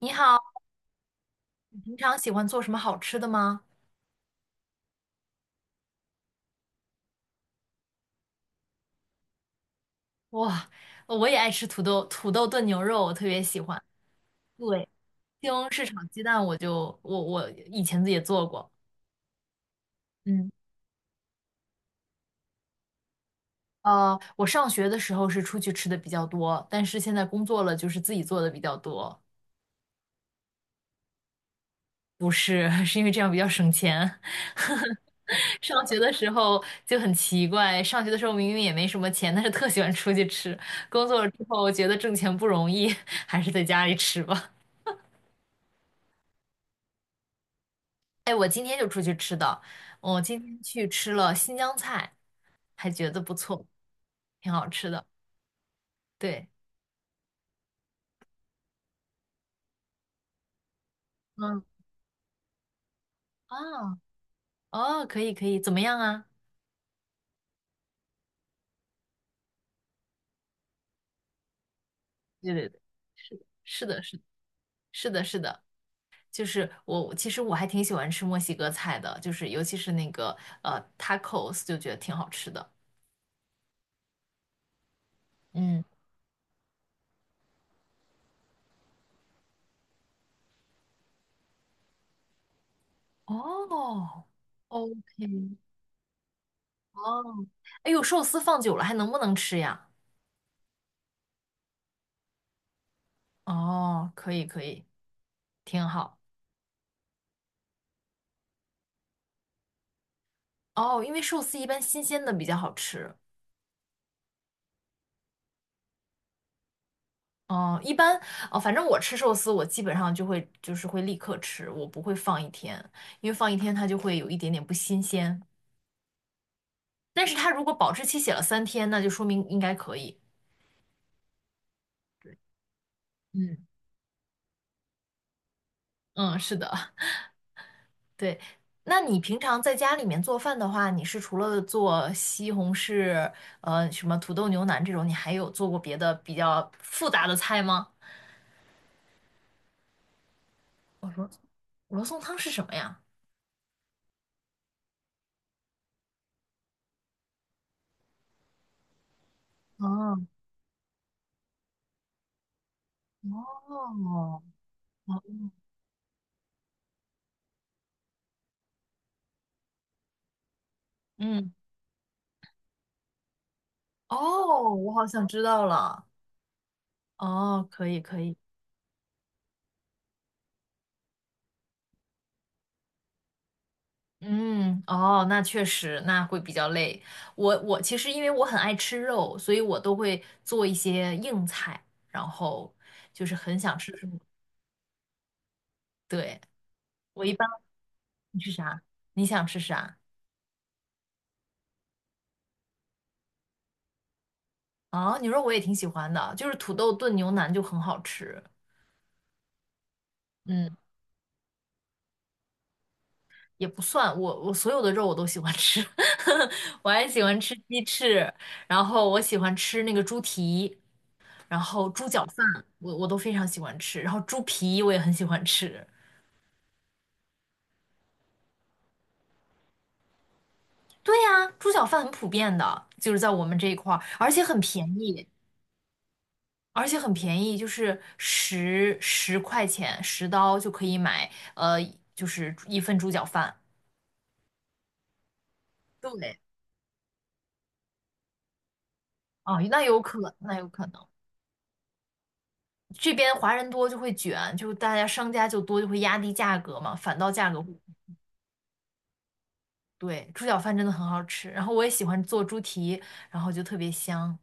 你好，你平常喜欢做什么好吃的吗？哇，我也爱吃土豆炖牛肉，我特别喜欢。对，西红柿炒鸡蛋，我就我我以前自己也做过。嗯，我上学的时候是出去吃的比较多，但是现在工作了，就是自己做的比较多。不是，是因为这样比较省钱。上学的时候就很奇怪，上学的时候明明也没什么钱，但是特喜欢出去吃。工作了之后觉得挣钱不容易，还是在家里吃吧。哎，我今天就出去吃的，我今天去吃了新疆菜，还觉得不错，挺好吃的。对，嗯，啊哦，可以可以，怎么样啊？对对对，是的，是的，是的，是的，是的就是我其实我还挺喜欢吃墨西哥菜的，就是尤其是那个tacos，就觉得挺好吃的。嗯，哦，OK，哦，哎呦，寿司放久了还能不能吃呀？哦，可以可以，挺好。哦，因为寿司一般新鲜的比较好吃。哦，一般哦，反正我吃寿司，我基本上就是会立刻吃，我不会放一天，因为放一天它就会有一点点不新鲜。但是它如果保质期写了3天，那就说明应该可以。嗯，嗯，是的，对。那你平常在家里面做饭的话，你是除了做西红柿，什么土豆牛腩这种，你还有做过别的比较复杂的菜吗？我说罗宋汤是什么呀？哦哦，哦嗯，哦，我好像知道了。哦，可以可以。嗯，哦，那确实，那会比较累。我其实因为我很爱吃肉，所以我都会做一些硬菜，然后就是很想吃什么对，我一般你吃啥？你想吃啥？啊，牛肉我也挺喜欢的，就是土豆炖牛腩就很好吃。嗯，也不算，我所有的肉我都喜欢吃，我还喜欢吃鸡翅，然后我喜欢吃那个猪蹄。然后猪脚饭我都非常喜欢吃，然后猪皮我也很喜欢吃。对呀，猪脚饭很普遍的，就是在我们这一块儿，而且很便宜，就是十块钱10刀就可以买，呃，就是一份猪脚饭。对，哦，那有可能，这边华人多就会卷，就大家商家就多就会压低价格嘛，反倒价格会对，猪脚饭真的很好吃，然后我也喜欢做猪蹄，然后就特别香。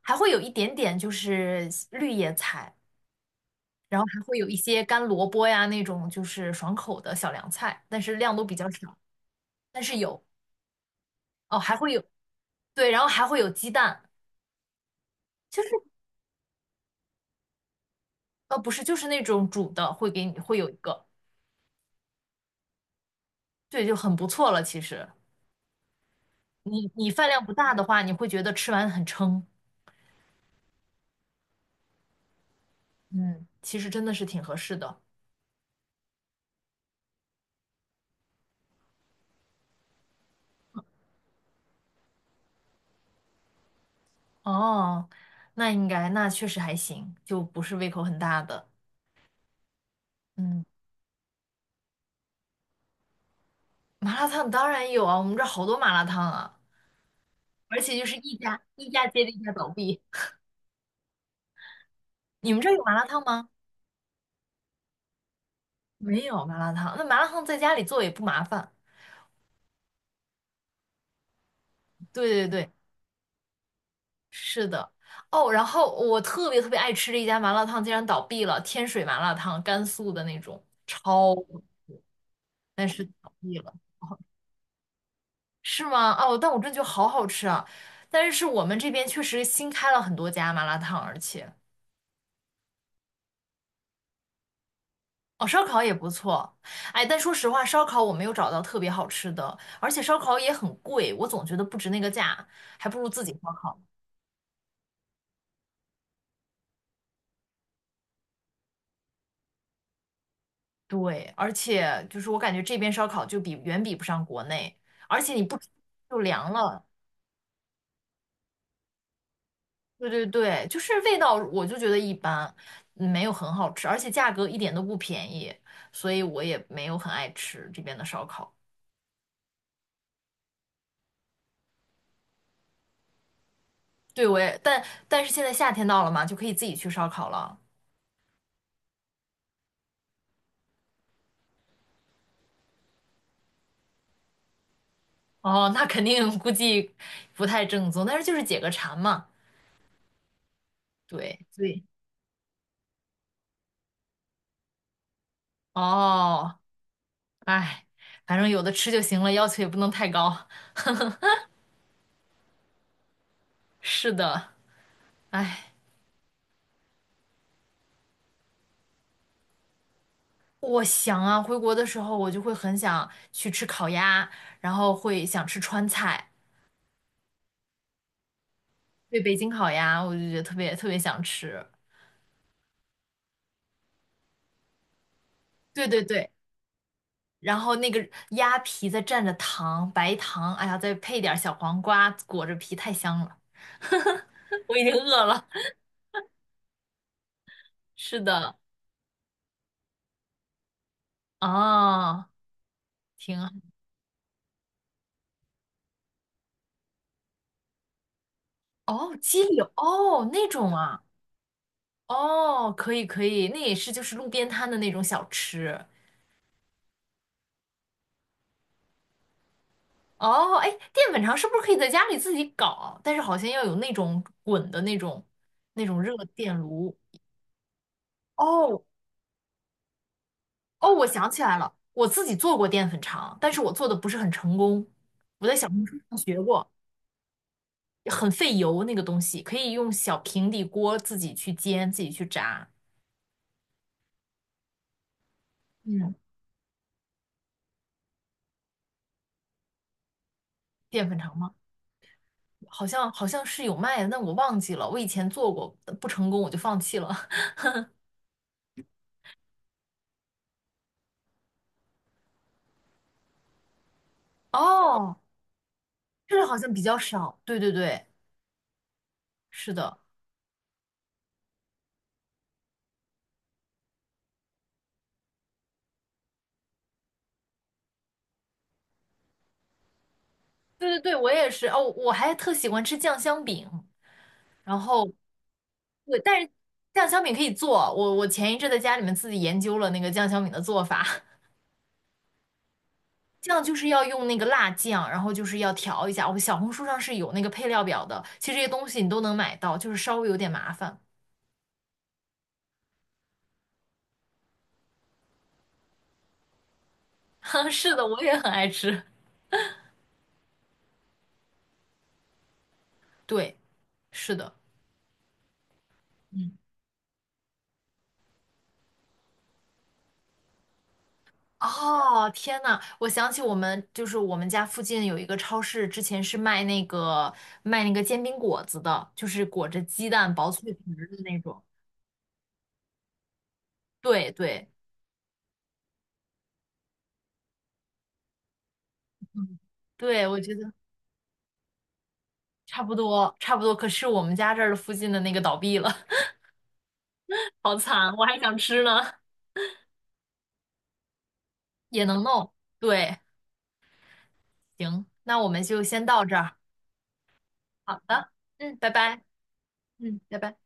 还会有一点点就是绿叶菜，然后还会有一些干萝卜呀那种就是爽口的小凉菜，但是量都比较少，但是有哦，还会有对，然后还会有鸡蛋，就是不是就是那种煮的会给你会有一个，对，就很不错了。其实你饭量不大的话，你会觉得吃完很撑，嗯，其实真的是挺合适的哦。那应该确实还行，就不是胃口很大的，嗯。麻辣烫当然有啊，我们这儿好多麻辣烫啊。而且就是一家一家接着一家倒闭。你们这儿有麻辣烫吗？没有麻辣烫，那麻辣烫在家里做也不麻烦。对对对，是的。哦，然后我特别特别爱吃的一家麻辣烫竟然倒闭了，天水麻辣烫，甘肃的那种，超，但是倒闭了，是吗？哦，但我真觉得好好吃啊。但是我们这边确实新开了很多家麻辣烫，而且。哦，烧烤也不错，哎，但说实话，烧烤我没有找到特别好吃的，而且烧烤也很贵，我总觉得不值那个价，还不如自己烧烤。对，而且就是我感觉这边烧烤就比远比不上国内，而且你不吃就凉了。对对对，就是味道我就觉得一般，没有很好吃，而且价格一点都不便宜，所以我也没有很爱吃这边的烧烤。对，我也，但是现在夏天到了嘛，就可以自己去烧烤了。哦，那肯定估计不太正宗，但是就是解个馋嘛。对，对，哦，哎，反正有的吃就行了，要求也不能太高。是的，哎，我想啊，回国的时候我就会很想去吃烤鸭，然后会想吃川菜，对，北京烤鸭，我就觉得特别特别想吃。对对对，然后那个鸭皮再蘸着糖，白糖，哎呀，再配点儿小黄瓜，裹着皮，太香了。我已经饿了。是的，啊。挺啊，哦，鸡柳，哦，那种啊，哦，可以可以，那也是就是路边摊的那种小吃。哦，哎，淀粉肠是不是可以在家里自己搞？但是好像要有那种滚的那种那种热电炉。哦哦，我想起来了，我自己做过淀粉肠，但是我做的不是很成功。我在小红书上学过，很费油那个东西，可以用小平底锅自己去煎，自己去炸。嗯，淀粉肠吗？好像是有卖的，但我忘记了。我以前做过，不成功我就放弃了。哦，这个好像比较少。对对对，是的，对对对，我也是。哦，我还特喜欢吃酱香饼，然后对，但是酱香饼可以做。我前一阵在家里面自己研究了那个酱香饼的做法，酱就是要用那个辣酱，然后就是要调一下。我小红书上是有那个配料表的，其实这些东西你都能买到，就是稍微有点麻烦。是的，我也很爱吃。对，是的。嗯。哦，天呐，我想起我们就是我们家附近有一个超市，之前是卖那个煎饼果子的，就是裹着鸡蛋薄脆皮儿的那种。对对对，我觉得差不多差不多。可是我们家这儿的附近的那个倒闭了，好惨，我还想吃呢，也能弄。对，行，那我们就先到这儿。好的，嗯，拜拜，嗯，拜拜。